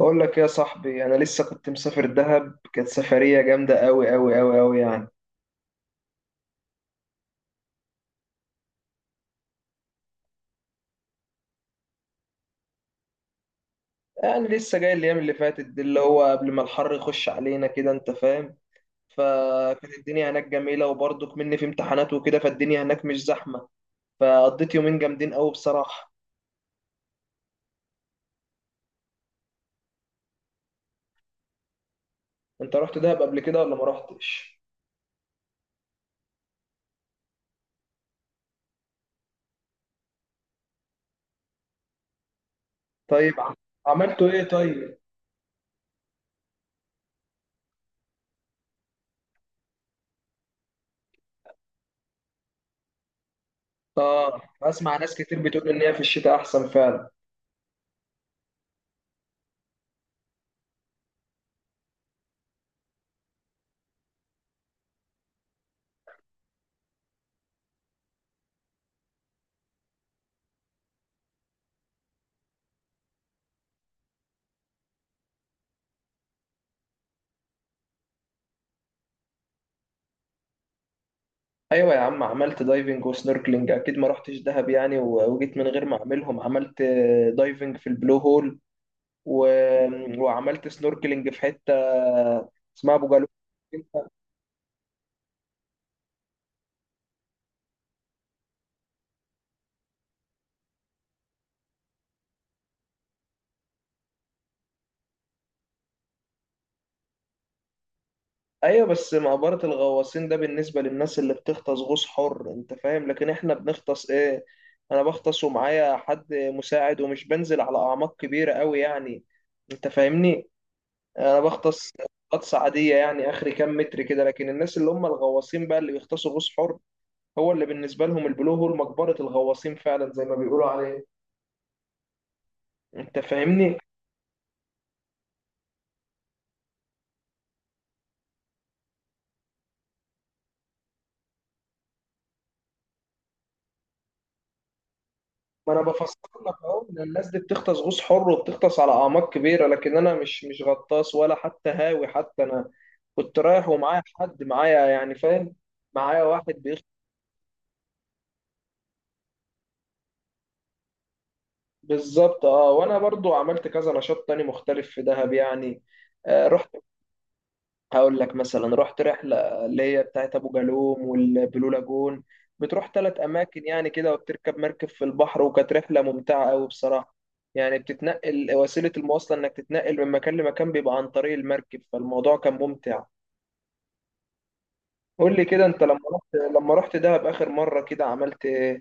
بقول لك يا صاحبي، انا لسه كنت مسافر دهب. كانت سفريه جامده قوي قوي قوي قوي يعني. لسه جاي الايام اللي فاتت دي اللي هو قبل ما الحر يخش علينا كده، انت فاهم. فكانت الدنيا هناك جميله، وبرضك مني في امتحانات وكده، فالدنيا هناك مش زحمه. فقضيت يومين جامدين قوي بصراحه. انت رحت دهب قبل كده ولا ما رحتش؟ طيب. عملتوا ايه طيب؟ اه. بسمع ناس كتير بتقول ان هي في الشتاء احسن فعلا. ايوه يا عم، عملت دايفنج وسنوركلينج اكيد. ما رحتش دهب يعني و- وجيت من غير ما اعملهم. عملت دايفنج في البلو هول و... وعملت سنوركلينج في حته اسمها ابو جالوم. ايوه، بس مقبره الغواصين ده بالنسبه للناس اللي بتغطس غوص حر، انت فاهم. لكن احنا بنغطس ايه؟ انا بغطس ومعايا حد مساعد، ومش بنزل على اعماق كبيره قوي يعني. انت فاهمني؟ انا بغطس غطس عاديه يعني، اخري كام متر كده. لكن الناس اللي هم الغواصين بقى، اللي بيغطسوا غوص حر، هو اللي بالنسبة لهم البلو هول مقبرة الغواصين فعلا زي ما بيقولوا عليه. انت فاهمني؟ ما انا بفسر لك اهو، ان الناس دي بتغطس غوص حر وبتغطس على اعماق كبيرة، لكن انا مش غطاس ولا حتى هاوي. حتى انا كنت رايح ومعايا حد معايا يعني، فاهم؟ معايا واحد بيغطس. بالظبط اه. وانا برضو عملت كذا نشاط تاني مختلف في دهب يعني. رحت. هقول لك مثلا. رحت رحلة اللي هي بتاعت أبو جالوم والبلو لاجون. بتروح ثلاث أماكن يعني كده، وبتركب مركب في البحر. وكانت رحلة ممتعة أوي بصراحة. يعني بتتنقل، وسيلة المواصلة إنك تتنقل من مكان لمكان بيبقى عن طريق المركب، فالموضوع كان ممتع. قول لي كده أنت، لما رحت دهب آخر مرة كده عملت إيه؟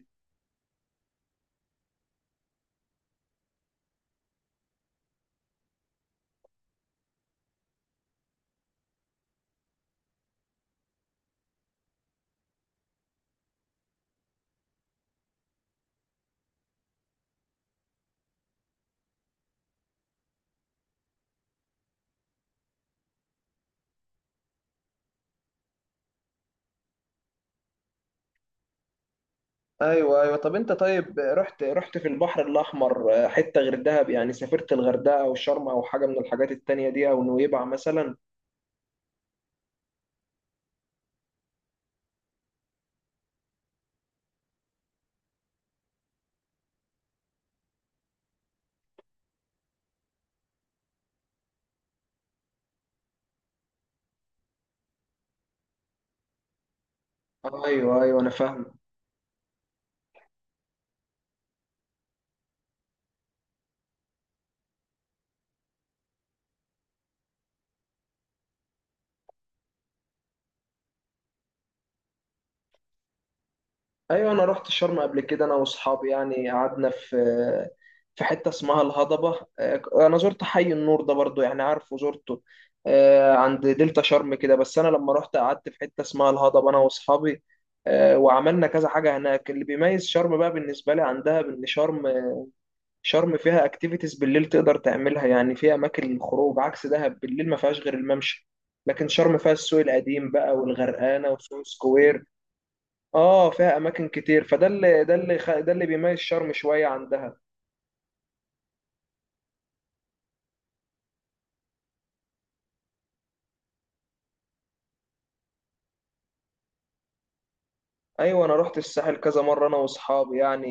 أيوه أيوه. طب أنت طيب، رحت في البحر الأحمر حتة غير دهب يعني؟ سافرت الغردقة أو شرم أو حاجة من الحاجات التانية دي، أو نويبع مثلا؟ أيوه أيوه، أنا فاهم. ايوه، انا رحت شرم قبل كده انا واصحابي يعني. قعدنا في حته اسمها الهضبه. انا زرت حي النور ده برضو، يعني عارفه، زرته عند دلتا شرم كده. بس انا لما رحت قعدت في حته اسمها الهضبه انا واصحابي. وعملنا كذا حاجه هناك. اللي بيميز شرم بقى بالنسبه لي عندها، بان شرم فيها اكتيفيتيز بالليل تقدر تعملها يعني. فيها اماكن للخروج عكس دهب، بالليل ما فيهاش غير الممشى. لكن شرم فيها السوق القديم بقى والغرقانه وسوق سكوير. اه، فيها اماكن كتير. فده اللي ده اللي بيميز شرم شويه عن دهب. ايوه، انا رحت الساحل كذا مره انا واصحابي يعني.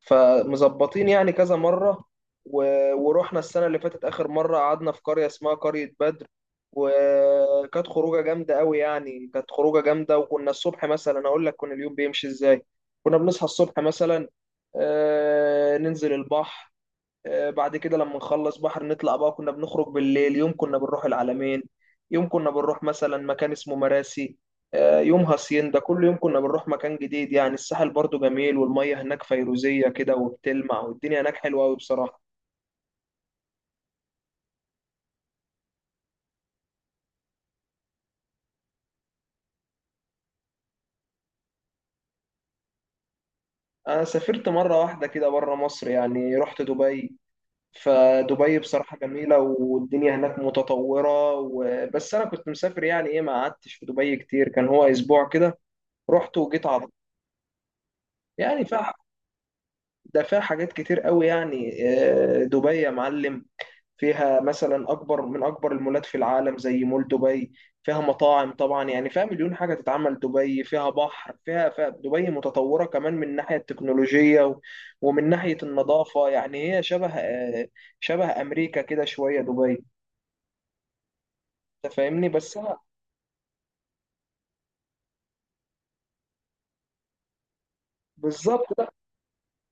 فمظبطين يعني كذا مره. و... ورحنا السنه اللي فاتت اخر مره، قعدنا في قريه اسمها قريه بدر. وكانت خروجه جامده قوي يعني. كانت خروجه جامده. وكنا الصبح مثلا، اقول لك كنا اليوم بيمشي ازاي. كنا بنصحى الصبح مثلا، ننزل البحر. بعد كده لما نخلص بحر نطلع بقى، كنا بنخرج بالليل. يوم كنا بنروح العلمين، يوم كنا بنروح مثلا مكان اسمه مراسي، يوم هاسيندا. كل يوم كنا بنروح مكان جديد. يعني الساحل برضو جميل، والمية هناك فيروزية كده وبتلمع، والدنيا هناك حلوة أوي بصراحة. أنا سافرت مرة واحدة كده بره مصر يعني، رحت دبي. فدبي بصراحة جميلة، والدنيا هناك متطورة بس أنا كنت مسافر يعني، إيه، ما قعدتش في دبي كتير، كان هو أسبوع كده. رحت وجيت على طول. يعني فيها ده فيها حاجات كتير قوي يعني. دبي يا معلم، فيها مثلا اكبر من اكبر المولات في العالم زي مول دبي. فيها مطاعم طبعا، يعني فيها مليون حاجه تتعمل. دبي فيها بحر، فيها دبي متطوره كمان من ناحيه التكنولوجيا و- ومن ناحيه النظافه. يعني هي شبه شبه امريكا كده شويه دبي. انت فاهمني بس انا. بالظبط. لا،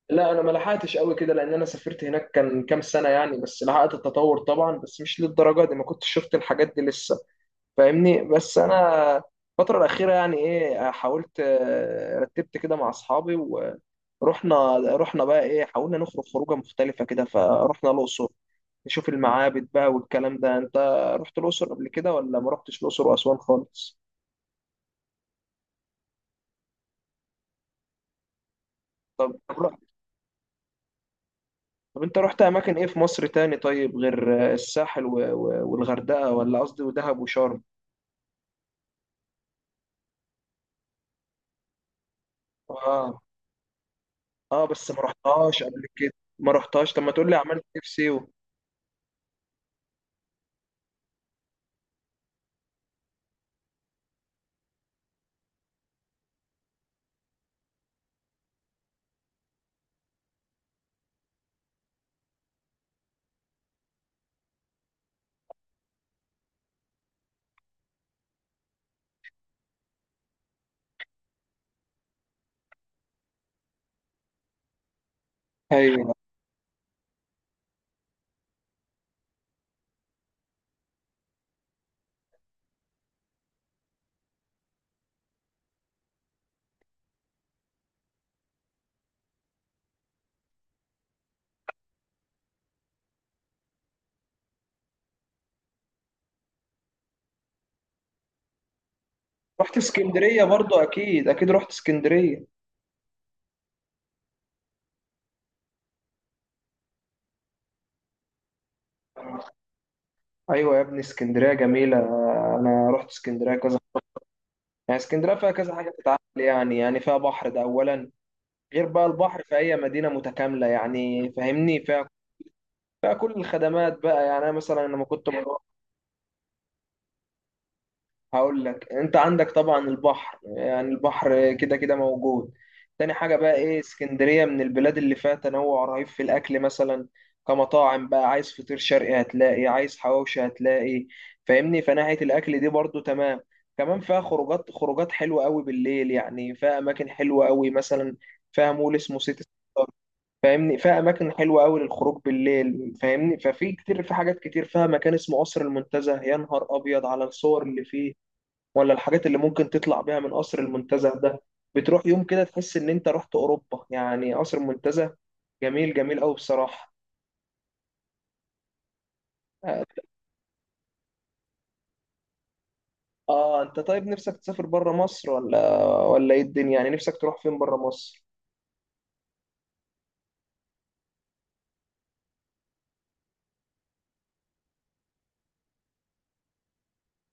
لا، انا ما لحقتش قوي كده، لان انا سافرت هناك كان كام سنه يعني، بس لحقت التطور طبعا، بس مش للدرجه دي. ما كنتش شفت الحاجات دي لسه. فاهمني بس انا. الفتره الاخيره يعني، ايه، حاولت، رتبت كده مع اصحابي ورحنا بقى، ايه، حاولنا نخرج خروجه مختلفه كده، فرحنا الاقصر نشوف المعابد بقى والكلام ده. انت رحت الاقصر قبل كده ولا ما رحتش الاقصر واسوان خالص؟ طب طب طب انت رحت اماكن ايه في مصر تاني؟ طيب، غير الساحل و- و- والغردقه، ولا قصدي، ودهب وشرم. اه. اه، بس ما رحتهاش قبل كده. ما رحتهاش، طب ما تقول لي عملت ايه في سيوه. ايوه، رحت اسكندرية برضو أكيد أكيد. رحت اسكندرية. أيوة يا ابني، اسكندرية جميلة. أنا رحت اسكندرية كذا. يعني اسكندرية فيها كذا حاجة تتعمل. يعني فيها بحر ده أولا. غير بقى البحر، في أي مدينة متكاملة يعني، فاهمني، فيها كل الخدمات بقى يعني. أنا مثلا لما كنت بروح. هقول لك. انت عندك طبعا البحر. يعني البحر كده كده موجود. تاني حاجة بقى، ايه، اسكندرية من البلاد اللي فيها تنوع رهيب في الاكل مثلا. كمطاعم بقى، عايز فطير شرقي هتلاقي، عايز حواوشي هتلاقي. فاهمني، فناحية الاكل دي برضو تمام. كمان فيها خروجات خروجات حلوة قوي بالليل يعني، فيها اماكن حلوة قوي. مثلا فيها مول اسمه سيتي ستار. فاهمني، فيها اماكن حلوة قوي للخروج بالليل. فاهمني، ففي كتير في حاجات كتير. فيها مكان اسمه قصر المنتزه، يا نهار ابيض على الصور اللي فيه ولا الحاجات اللي ممكن تطلع بيها من قصر المنتزه ده. بتروح يوم كده تحس ان انت رحت اوروبا يعني. قصر المنتزه جميل جميل قوي بصراحه. اه. انت طيب، نفسك تسافر بره مصر ولا ايه الدنيا؟ يعني نفسك تروح فين بره مصر؟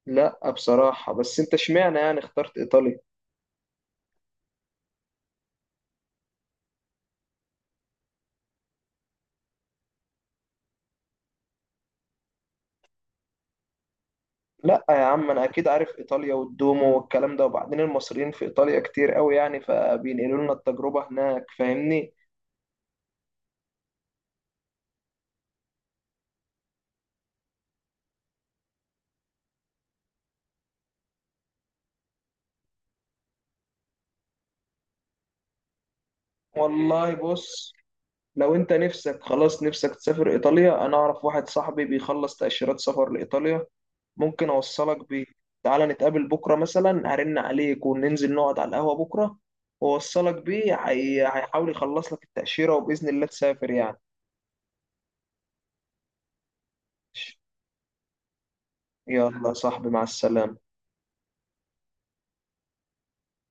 لا بصراحه. بس انت اشمعنى يعني اخترت ايطاليا؟ لا يا عم، انا اكيد عارف ايطاليا والدومو والكلام ده. وبعدين المصريين في ايطاليا كتير قوي يعني، فبينقلوا لنا التجربه هناك. فاهمني. والله بص. لو انت نفسك خلاص، نفسك تسافر ايطاليا، انا اعرف واحد صاحبي بيخلص تأشيرات سفر لايطاليا، ممكن اوصلك بيه. تعالى نتقابل بكره مثلا، هرن عليك وننزل نقعد على القهوه بكره، واوصلك بيه. هيحاول يخلص لك التأشيرة، وبإذن الله تسافر يعني. يلا يا صاحبي، مع السلامة.